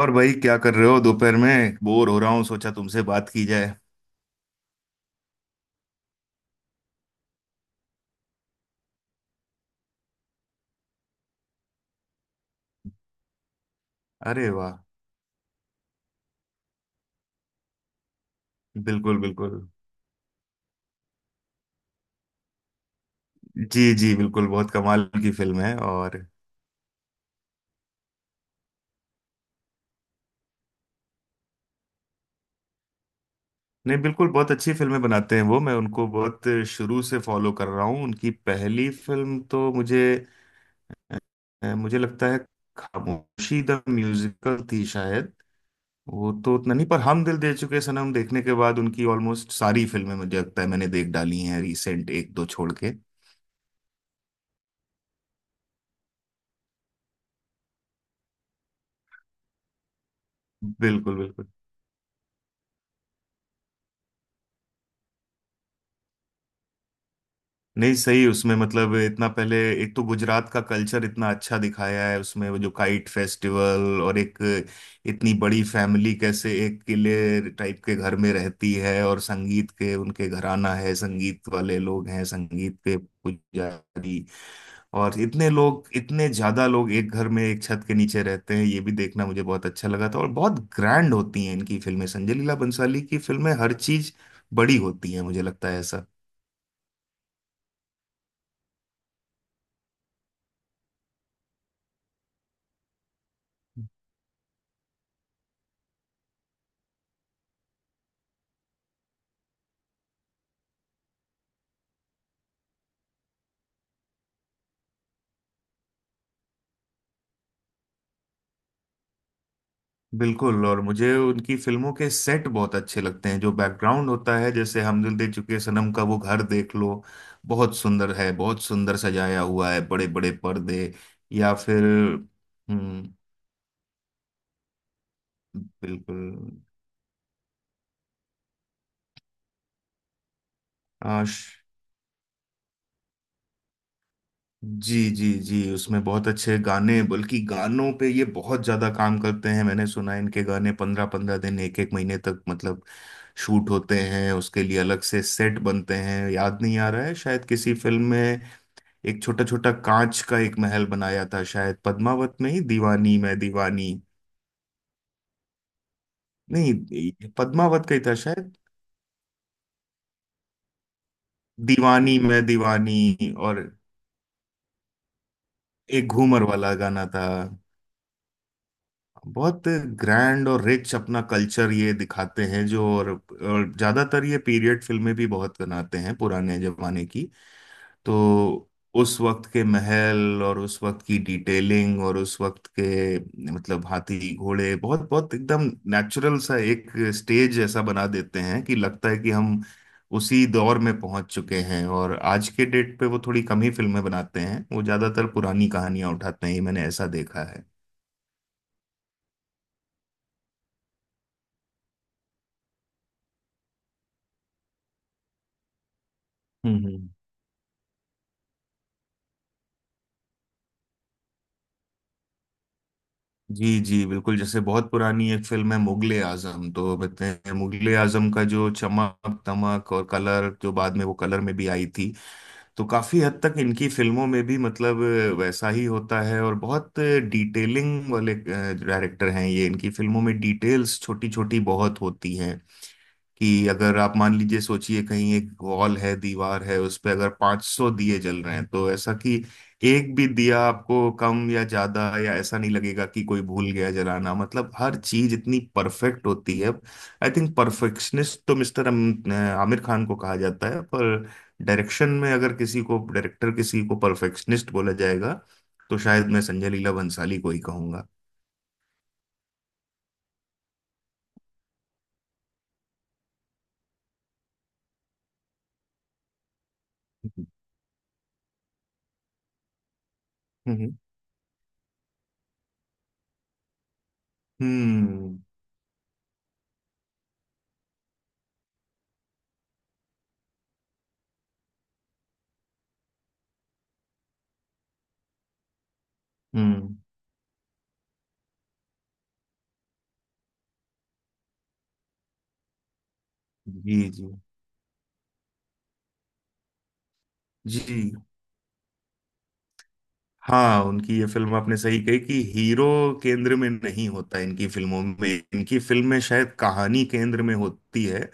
और भाई, क्या कर रहे हो? दोपहर में बोर हो रहा हूँ, सोचा तुमसे बात की जाए। अरे वाह। बिल्कुल, बिल्कुल। जी जी, बिल्कुल, बहुत कमाल की फिल्म है। और नहीं, बिल्कुल, बहुत अच्छी फिल्में बनाते हैं वो। मैं उनको बहुत शुरू से फॉलो कर रहा हूँ। उनकी पहली फिल्म तो मुझे, मुझे लगता है खामोशी द म्यूजिकल थी शायद। वो तो उतना नहीं, पर हम दिल दे चुके सनम देखने के बाद उनकी ऑलमोस्ट सारी फिल्में मुझे लगता है मैंने देख डाली हैं, रिसेंट एक दो छोड़ के। बिल्कुल बिल्कुल। नहीं, सही। उसमें मतलब इतना पहले एक तो गुजरात का कल्चर इतना अच्छा दिखाया है उसमें, वो जो काइट फेस्टिवल, और एक इतनी बड़ी फैमिली कैसे एक किले टाइप के घर में रहती है, और संगीत के उनके घराना है, संगीत वाले लोग हैं, संगीत के पुजारी, और इतने लोग, इतने ज्यादा लोग एक घर में एक छत के नीचे रहते हैं, ये भी देखना मुझे बहुत अच्छा लगा था। और बहुत ग्रैंड होती हैं इनकी फिल्में, संजय लीला बंसाली की फिल्में, हर चीज बड़ी होती हैं, मुझे लगता है ऐसा। बिल्कुल। और मुझे उनकी फिल्मों के सेट बहुत अच्छे लगते हैं, जो बैकग्राउंड होता है। जैसे हम दिल दे चुके सनम का वो घर देख लो, बहुत सुंदर है, बहुत सुंदर सजाया हुआ है, बड़े बड़े पर्दे। या फिर बिल्कुल। आश। जी जी जी, उसमें बहुत अच्छे गाने, बल्कि गानों पे ये बहुत ज्यादा काम करते हैं। मैंने सुना है इनके गाने 15-15 दिन, एक एक महीने तक मतलब शूट होते हैं, उसके लिए अलग से सेट बनते हैं। याद नहीं आ रहा है, शायद किसी फिल्म में एक छोटा छोटा कांच का एक महल बनाया था, शायद पद्मावत में ही, दीवानी मैं दीवानी। नहीं, ये पद्मावत का ही था शायद। दीवानी मैं दीवानी, और एक घूमर वाला गाना था। बहुत ग्रैंड और रिच अपना कल्चर ये दिखाते हैं जो, और ज्यादातर ये पीरियड फिल्में भी बहुत बनाते हैं, पुराने जमाने की। तो उस वक्त के महल, और उस वक्त की डिटेलिंग, और उस वक्त के मतलब हाथी घोड़े, बहुत बहुत एकदम नेचुरल सा एक स्टेज ऐसा बना देते हैं कि लगता है कि हम उसी दौर में पहुंच चुके हैं। और आज के डेट पे वो थोड़ी कम ही फिल्में बनाते हैं, वो ज्यादातर पुरानी कहानियां उठाते हैं, ये मैंने ऐसा देखा है। हम्म हम्म। जी जी, बिल्कुल। जैसे बहुत पुरानी एक फिल्म है मुगले आजम, तो बताते हैं मुगले आजम का जो चमक दमक और कलर, जो बाद में वो कलर में भी आई थी, तो काफी हद तक इनकी फिल्मों में भी मतलब वैसा ही होता है। और बहुत डिटेलिंग वाले डायरेक्टर हैं ये, इनकी फिल्मों में डिटेल्स छोटी छोटी बहुत होती हैं। कि अगर आप मान लीजिए, सोचिए कहीं एक वॉल है, दीवार है, उस पे अगर 500 दिए जल रहे हैं, तो ऐसा कि एक भी दिया आपको कम या ज्यादा या ऐसा नहीं लगेगा कि कोई भूल गया जलाना, मतलब हर चीज इतनी परफेक्ट होती है। आई थिंक परफेक्शनिस्ट तो मिस्टर आमिर खान को कहा जाता है, पर डायरेक्शन में अगर किसी को, डायरेक्टर किसी को परफेक्शनिस्ट बोला जाएगा, तो शायद मैं संजय लीला भंसाली को ही कहूंगा। हम्म हम्म हम्म, जी जी जी। हाँ, उनकी ये फिल्म आपने सही कही कि हीरो केंद्र में नहीं होता इनकी फिल्मों में, इनकी फिल्म में शायद कहानी केंद्र में होती है,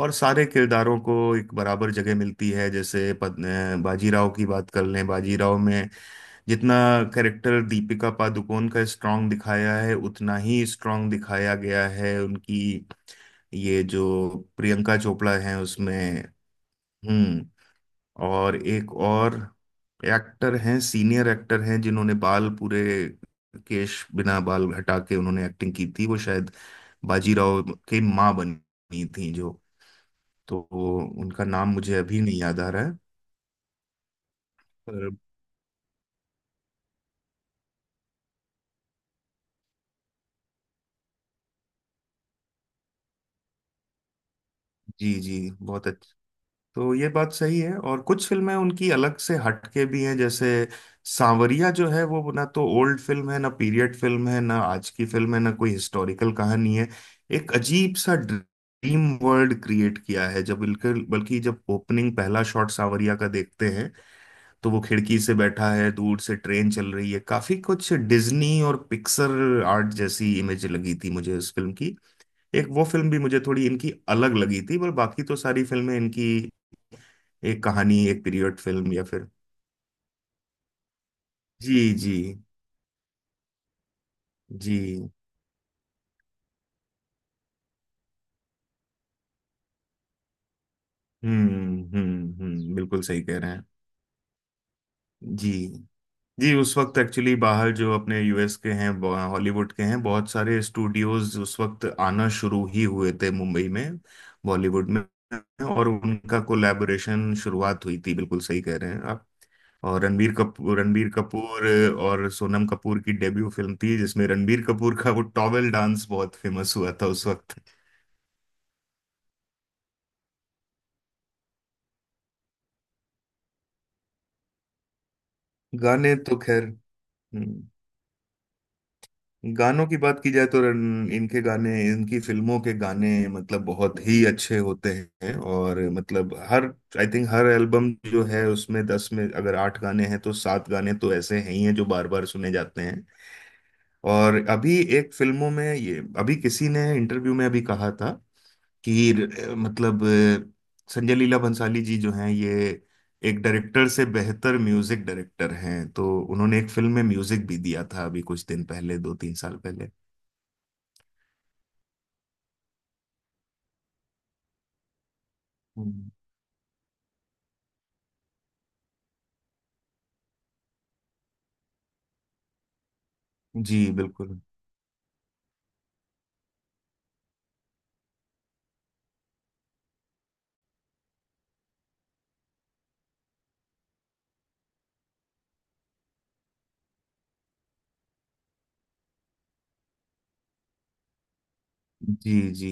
और सारे किरदारों को एक बराबर जगह मिलती है। जैसे बाजीराव की बात कर लें, बाजीराव में जितना कैरेक्टर दीपिका पादुकोण का स्ट्रांग दिखाया है, उतना ही स्ट्रांग दिखाया गया है उनकी, ये जो प्रियंका चोपड़ा है उसमें। हम्म और एक और एक्टर हैं, सीनियर एक्टर हैं, जिन्होंने बाल पूरे केश बिना, बाल हटा के उन्होंने एक्टिंग की थी, वो शायद बाजीराव की माँ बनी थी जो, तो वो, उनका नाम मुझे अभी नहीं याद आ रहा है। पर जी जी, बहुत। तो ये बात सही है। और कुछ फिल्में उनकी अलग से हटके भी हैं, जैसे सांवरिया जो है वो, ना तो ओल्ड फिल्म है, ना पीरियड फिल्म है, ना आज की फिल्म है, ना कोई हिस्टोरिकल कहानी है, एक अजीब सा ड्रीम वर्ल्ड क्रिएट किया है। जब बिल्कुल, बल्कि जब ओपनिंग पहला शॉट सांवरिया का देखते हैं, तो वो खिड़की से बैठा है, दूर से ट्रेन चल रही है, काफी कुछ डिज्नी और पिक्सर आर्ट जैसी इमेज लगी थी मुझे इस फिल्म की। एक वो फिल्म भी मुझे थोड़ी इनकी अलग लगी थी, पर बाकी तो सारी फिल्में इनकी एक कहानी, एक पीरियड फिल्म, या फिर। जी जी जी। हम्म, बिल्कुल सही कह रहे हैं। जी जी, उस वक्त एक्चुअली बाहर जो अपने यूएस के हैं, हॉलीवुड के हैं, बहुत सारे स्टूडियोज उस वक्त आना शुरू ही हुए थे मुंबई में, बॉलीवुड में, और उनका कोलैबोरेशन शुरुआत हुई थी, बिल्कुल सही कह रहे हैं आप। और रणबीर कपूर और सोनम कपूर की डेब्यू फिल्म थी, जिसमें रणबीर कपूर का वो टॉवेल डांस बहुत फेमस हुआ था उस वक्त। गाने तो खैर हम्म, गानों की बात की जाए तो इनके गाने, इनकी फिल्मों के गाने मतलब बहुत ही अच्छे होते हैं। और मतलब हर, आई थिंक हर एल्बम जो है उसमें 10 में अगर आठ गाने हैं तो सात गाने तो ऐसे हैं ही हैं जो बार बार सुने जाते हैं। और अभी एक फिल्मों में ये, अभी किसी ने इंटरव्यू में अभी कहा था कि मतलब संजय लीला भंसाली जी जो हैं ये एक डायरेक्टर से बेहतर म्यूजिक डायरेक्टर हैं, तो उन्होंने एक फिल्म में म्यूजिक भी दिया था, अभी कुछ दिन पहले, 2-3 साल पहले। हम्म। जी बिल्कुल। जी जी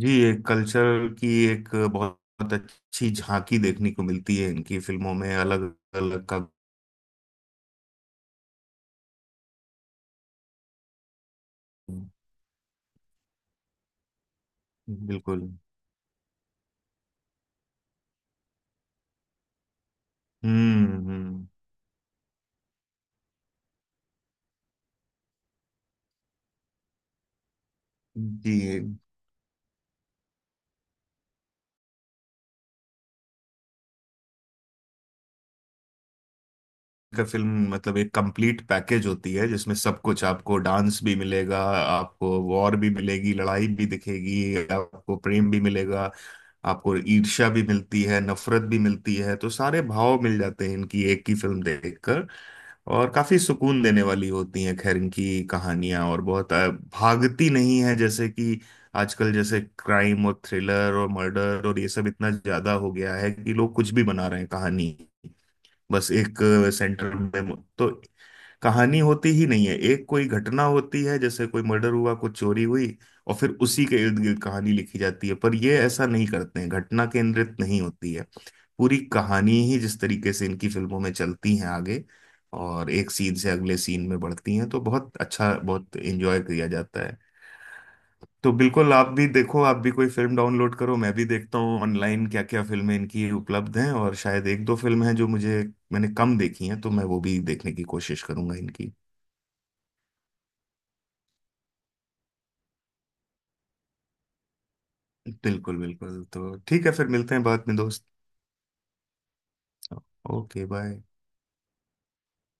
जी। एक कल्चर की एक बहुत अच्छी झांकी देखने को मिलती है इनकी फिल्मों में, अलग अलग का। बिल्कुल। हम्म। जी। का फिल्म मतलब एक कंप्लीट पैकेज होती है, जिसमें सब कुछ, आपको डांस भी मिलेगा, आपको वॉर भी मिलेगी, लड़ाई भी दिखेगी, आपको प्रेम भी मिलेगा, आपको ईर्ष्या भी मिलती है, नफरत भी मिलती है। तो सारे भाव मिल जाते हैं इनकी एक ही फिल्म देखकर। और काफी सुकून देने वाली होती हैं खैर इनकी कहानियां, और बहुत भागती नहीं है। जैसे कि आजकल जैसे क्राइम और थ्रिलर और मर्डर और ये सब इतना ज्यादा हो गया है कि लोग कुछ भी बना रहे हैं, कहानी बस एक सेंटर में तो कहानी होती ही नहीं है, एक कोई घटना होती है, जैसे कोई मर्डर हुआ, कुछ चोरी हुई, और फिर उसी के इर्द गिर्द कहानी लिखी जाती है। पर ये ऐसा नहीं करते हैं, घटना केंद्रित नहीं होती है, पूरी कहानी ही जिस तरीके से इनकी फिल्मों में चलती है आगे, और एक सीन से अगले सीन में बढ़ती हैं, तो बहुत अच्छा, बहुत एंजॉय किया जाता है। तो बिल्कुल, आप भी देखो, आप भी कोई फिल्म डाउनलोड करो, मैं भी देखता हूँ ऑनलाइन क्या क्या फिल्में इनकी उपलब्ध हैं, और शायद एक दो फिल्म हैं जो मुझे, मैंने कम देखी हैं, तो मैं वो भी देखने की कोशिश करूंगा इनकी। बिल्कुल बिल्कुल, तो ठीक है, फिर मिलते हैं बाद में दोस्त। Okay bye.